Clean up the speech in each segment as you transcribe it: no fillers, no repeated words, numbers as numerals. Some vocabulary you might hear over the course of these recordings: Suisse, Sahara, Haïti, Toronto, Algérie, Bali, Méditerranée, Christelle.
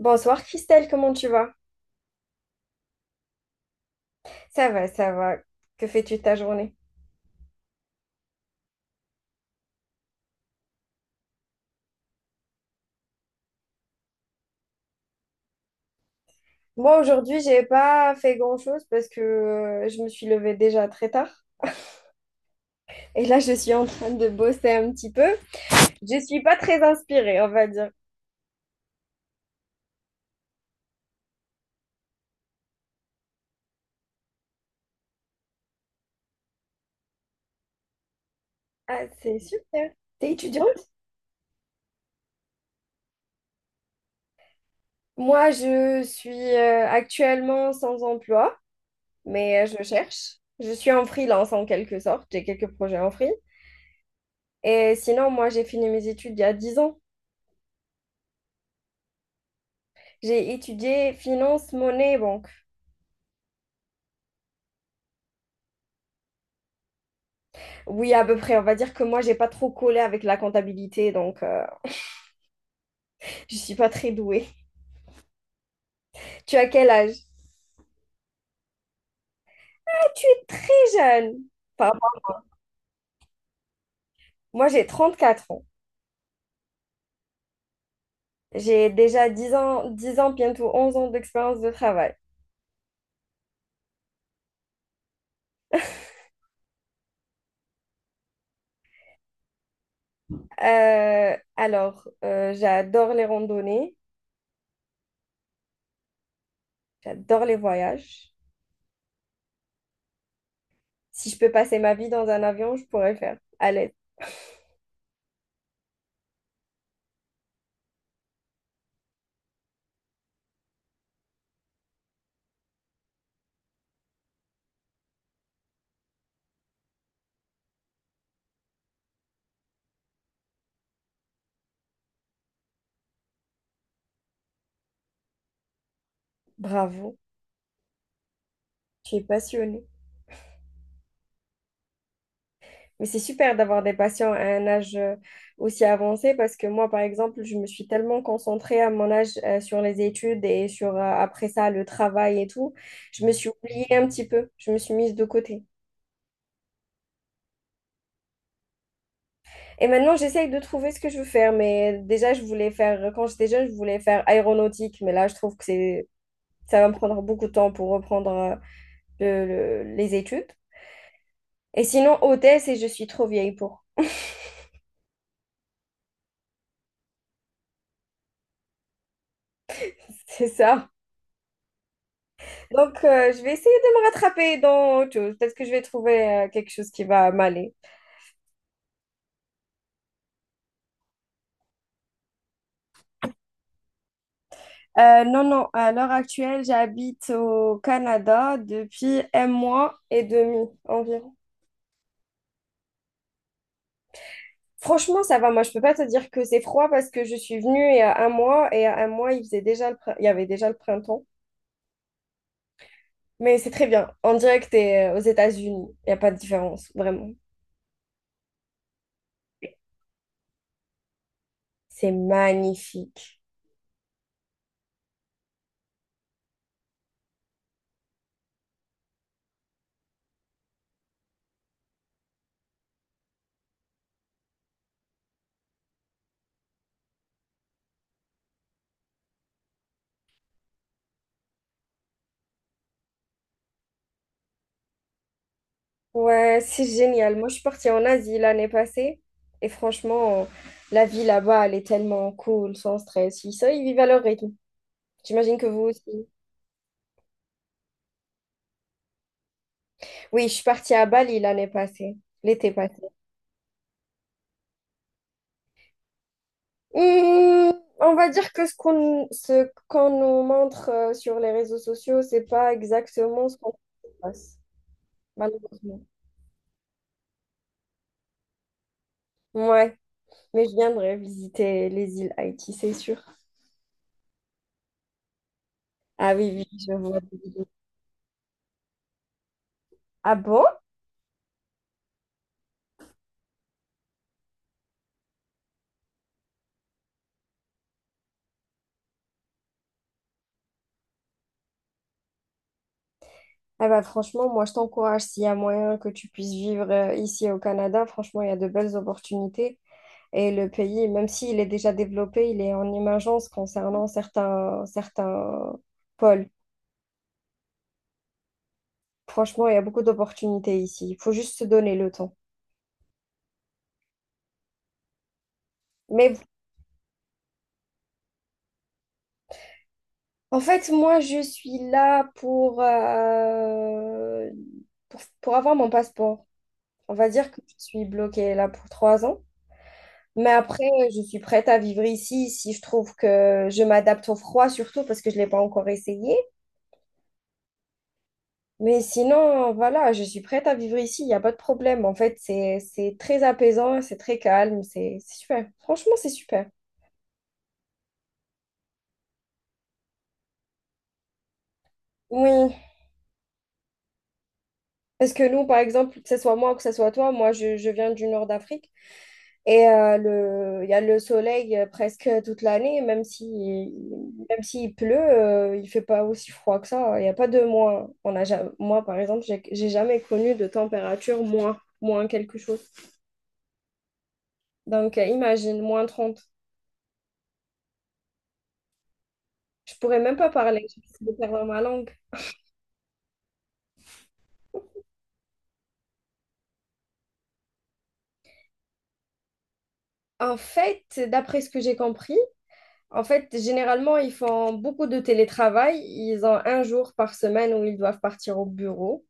Bonsoir Christelle, comment tu vas? Ça va, ça va. Que fais-tu de ta journée? Moi aujourd'hui, j'ai pas fait grand-chose parce que je me suis levée déjà très tard. Et là, je suis en train de bosser un petit peu. Je suis pas très inspirée, on va dire. Ah, c'est super. T'es étudiante? Moi, je suis actuellement sans emploi, mais je cherche. Je suis en freelance en quelque sorte. J'ai quelques projets en free. Et sinon, moi, j'ai fini mes études il y a 10 ans. J'ai étudié finance, monnaie, banque. Oui, à peu près. On va dire que moi, j'ai pas trop collé avec la comptabilité, donc je suis pas très douée. Tu as quel âge? Ah, tu es très jeune. par rapport- Moi, j'ai 34 ans. J'ai déjà 10 ans, bientôt 11 ans d'expérience de travail. J'adore les randonnées, j'adore les voyages. Si je peux passer ma vie dans un avion, je pourrais le faire. À l'aise. Bravo, tu es passionnée. Mais c'est super d'avoir des patients à un âge aussi avancé parce que moi, par exemple, je me suis tellement concentrée à mon âge sur les études et sur après ça le travail et tout, je me suis oubliée un petit peu, je me suis mise de côté. Et maintenant, j'essaye de trouver ce que je veux faire, mais déjà, je voulais faire, quand j'étais jeune, je voulais faire aéronautique, mais là, je trouve que c'est, ça va me prendre beaucoup de temps pour reprendre le- les études. Et sinon, hôtesse, et je suis trop vieille pour. C'est ça. Donc, je vais essayer de me rattraper dans autre chose. Peut-être que je vais trouver quelque chose qui va m'aller. Non, non, à l'heure actuelle, j'habite au Canada depuis un mois et demi environ. Franchement, ça va. Moi, je peux pas te dire que c'est froid parce que je suis venue il y a un mois et à un mois, il faisait déjà le il y avait déjà le printemps. Mais c'est très bien. On dirait que tu es aux États-Unis. Il n'y a pas de différence, vraiment. C'est magnifique. Ouais, c'est génial. Moi, je suis partie en Asie l'année passée et franchement, la vie là-bas, elle est tellement cool, sans stress. Ils, ça, ils vivent à leur rythme. J'imagine que vous aussi. Oui, je suis partie à Bali l'année passée, l'été passé. Hmm, on va dire que ce qu'on nous montre sur les réseaux sociaux, c'est pas exactement ce qu'on passe, malheureusement. Ouais, mais je viendrai visiter les îles Haïti, c'est sûr. Ah oui, oui, je vois. Ah bon? Ah bah franchement, moi je t'encourage s'il y a moyen que tu puisses vivre ici au Canada. Franchement, il y a de belles opportunités. Et le pays, même s'il est déjà développé, il est en émergence concernant certains pôles. Franchement, il y a beaucoup d'opportunités ici. Il faut juste se donner le temps. Mais en fait, moi, je suis là pour, pour avoir mon passeport. On va dire que je suis bloquée là pour 3 ans. Mais après, je suis prête à vivre ici si je trouve que je m'adapte au froid, surtout parce que je ne l'ai pas encore essayé. Mais sinon, voilà, je suis prête à vivre ici. Il n'y a pas de problème. En fait, c'est très apaisant, c'est très calme, c'est super. Franchement, c'est super. Oui, parce que nous, par exemple, que ce soit moi ou que ce soit toi, moi, je viens du nord d'Afrique et il y a le soleil presque toute l'année, même si, même s'il pleut, il fait pas aussi froid que ça. Il n'y a pas de moins. Moi, par exemple, j'ai jamais connu de température moins quelque chose. Donc, imagine, -30. Je pourrais même pas parler, je vais perdre ma langue. En fait, d'après ce que j'ai compris, en fait, généralement, ils font beaucoup de télétravail. Ils ont un jour par semaine où ils doivent partir au bureau.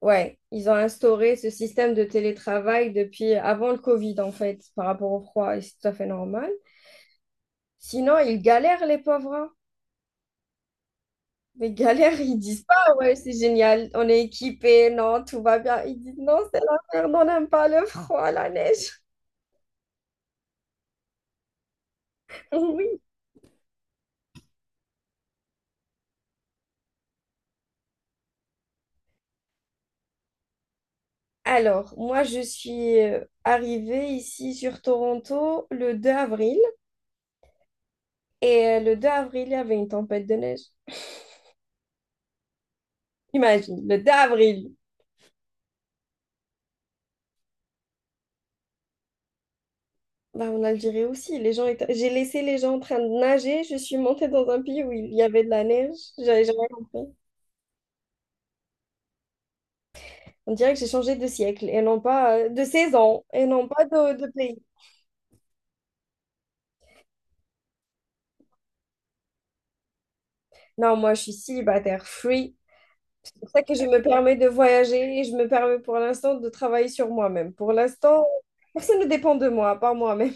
Ouais, ils ont instauré ce système de télétravail depuis avant le Covid, en fait, par rapport au froid, et c'est tout à fait normal. Sinon, ils galèrent, les pauvres, hein. Mais galèrent, ils disent pas, ouais, c'est génial, on est équipés, non, tout va bien. Ils disent, non, c'est la merde, on n'aime pas le froid, la neige. Oui. Alors, moi, je suis arrivée ici sur Toronto le 2 avril. Et le 2 avril, il y avait une tempête de neige. Imagine, le 2 avril. Bah, en Algérie aussi, les gens étaient... J'ai laissé les gens en train de nager, je suis montée dans un pays où il y avait de la neige, j'avais jamais compris. On dirait que j'ai changé de siècle et non pas de saison et non pas de pays. Non, moi je suis célibataire, free. C'est pour ça que je me permets de voyager et je me permets pour l'instant de travailler sur moi-même. Pour l'instant, personne ne dépend de moi, à part moi-même.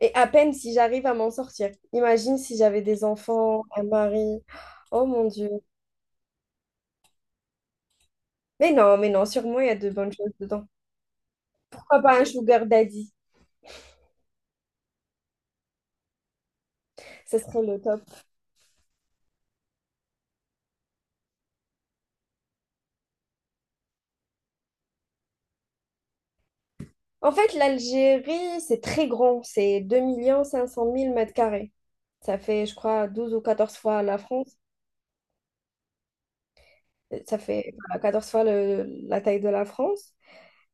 Et à peine si j'arrive à m'en sortir. Imagine si j'avais des enfants, un mari. Oh mon Dieu. Mais non, sûrement il y a de bonnes choses dedans. Pourquoi pas un sugar daddy? Ce serait le top. En fait, l'Algérie, c'est très grand. C'est 2 500 000 mètres carrés. Ça fait, je crois, 12 ou 14 fois la France. Ça fait voilà, 14 fois la taille de la France.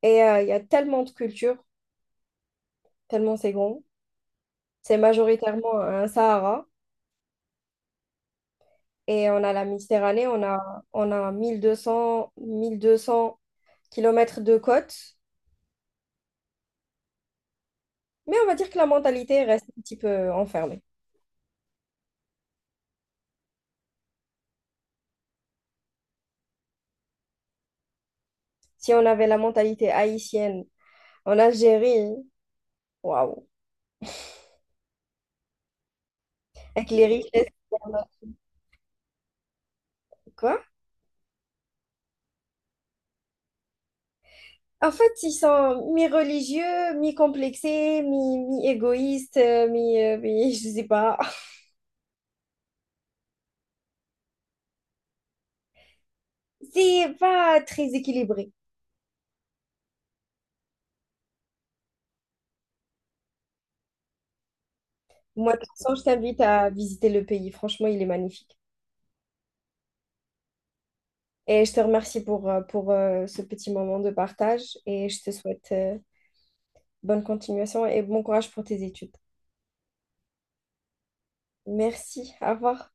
Et il y a tellement de cultures, tellement c'est grand. C'est majoritairement un Sahara. Et on a la Méditerranée, on a 1200 kilomètres de côte. Mais on va dire que la mentalité reste un petit peu enfermée. Si on avait la mentalité haïtienne en Algérie, waouh, avec les richesses, quoi. En fait, ils sont mi-religieux, mi-complexés, mi-égoïstes, je sais pas. C'est pas très équilibré. Moi, de toute façon, je t'invite à visiter le pays. Franchement, il est magnifique. Et je te remercie pour, ce petit moment de partage et je te souhaite bonne continuation et bon courage pour tes études. Merci, au revoir.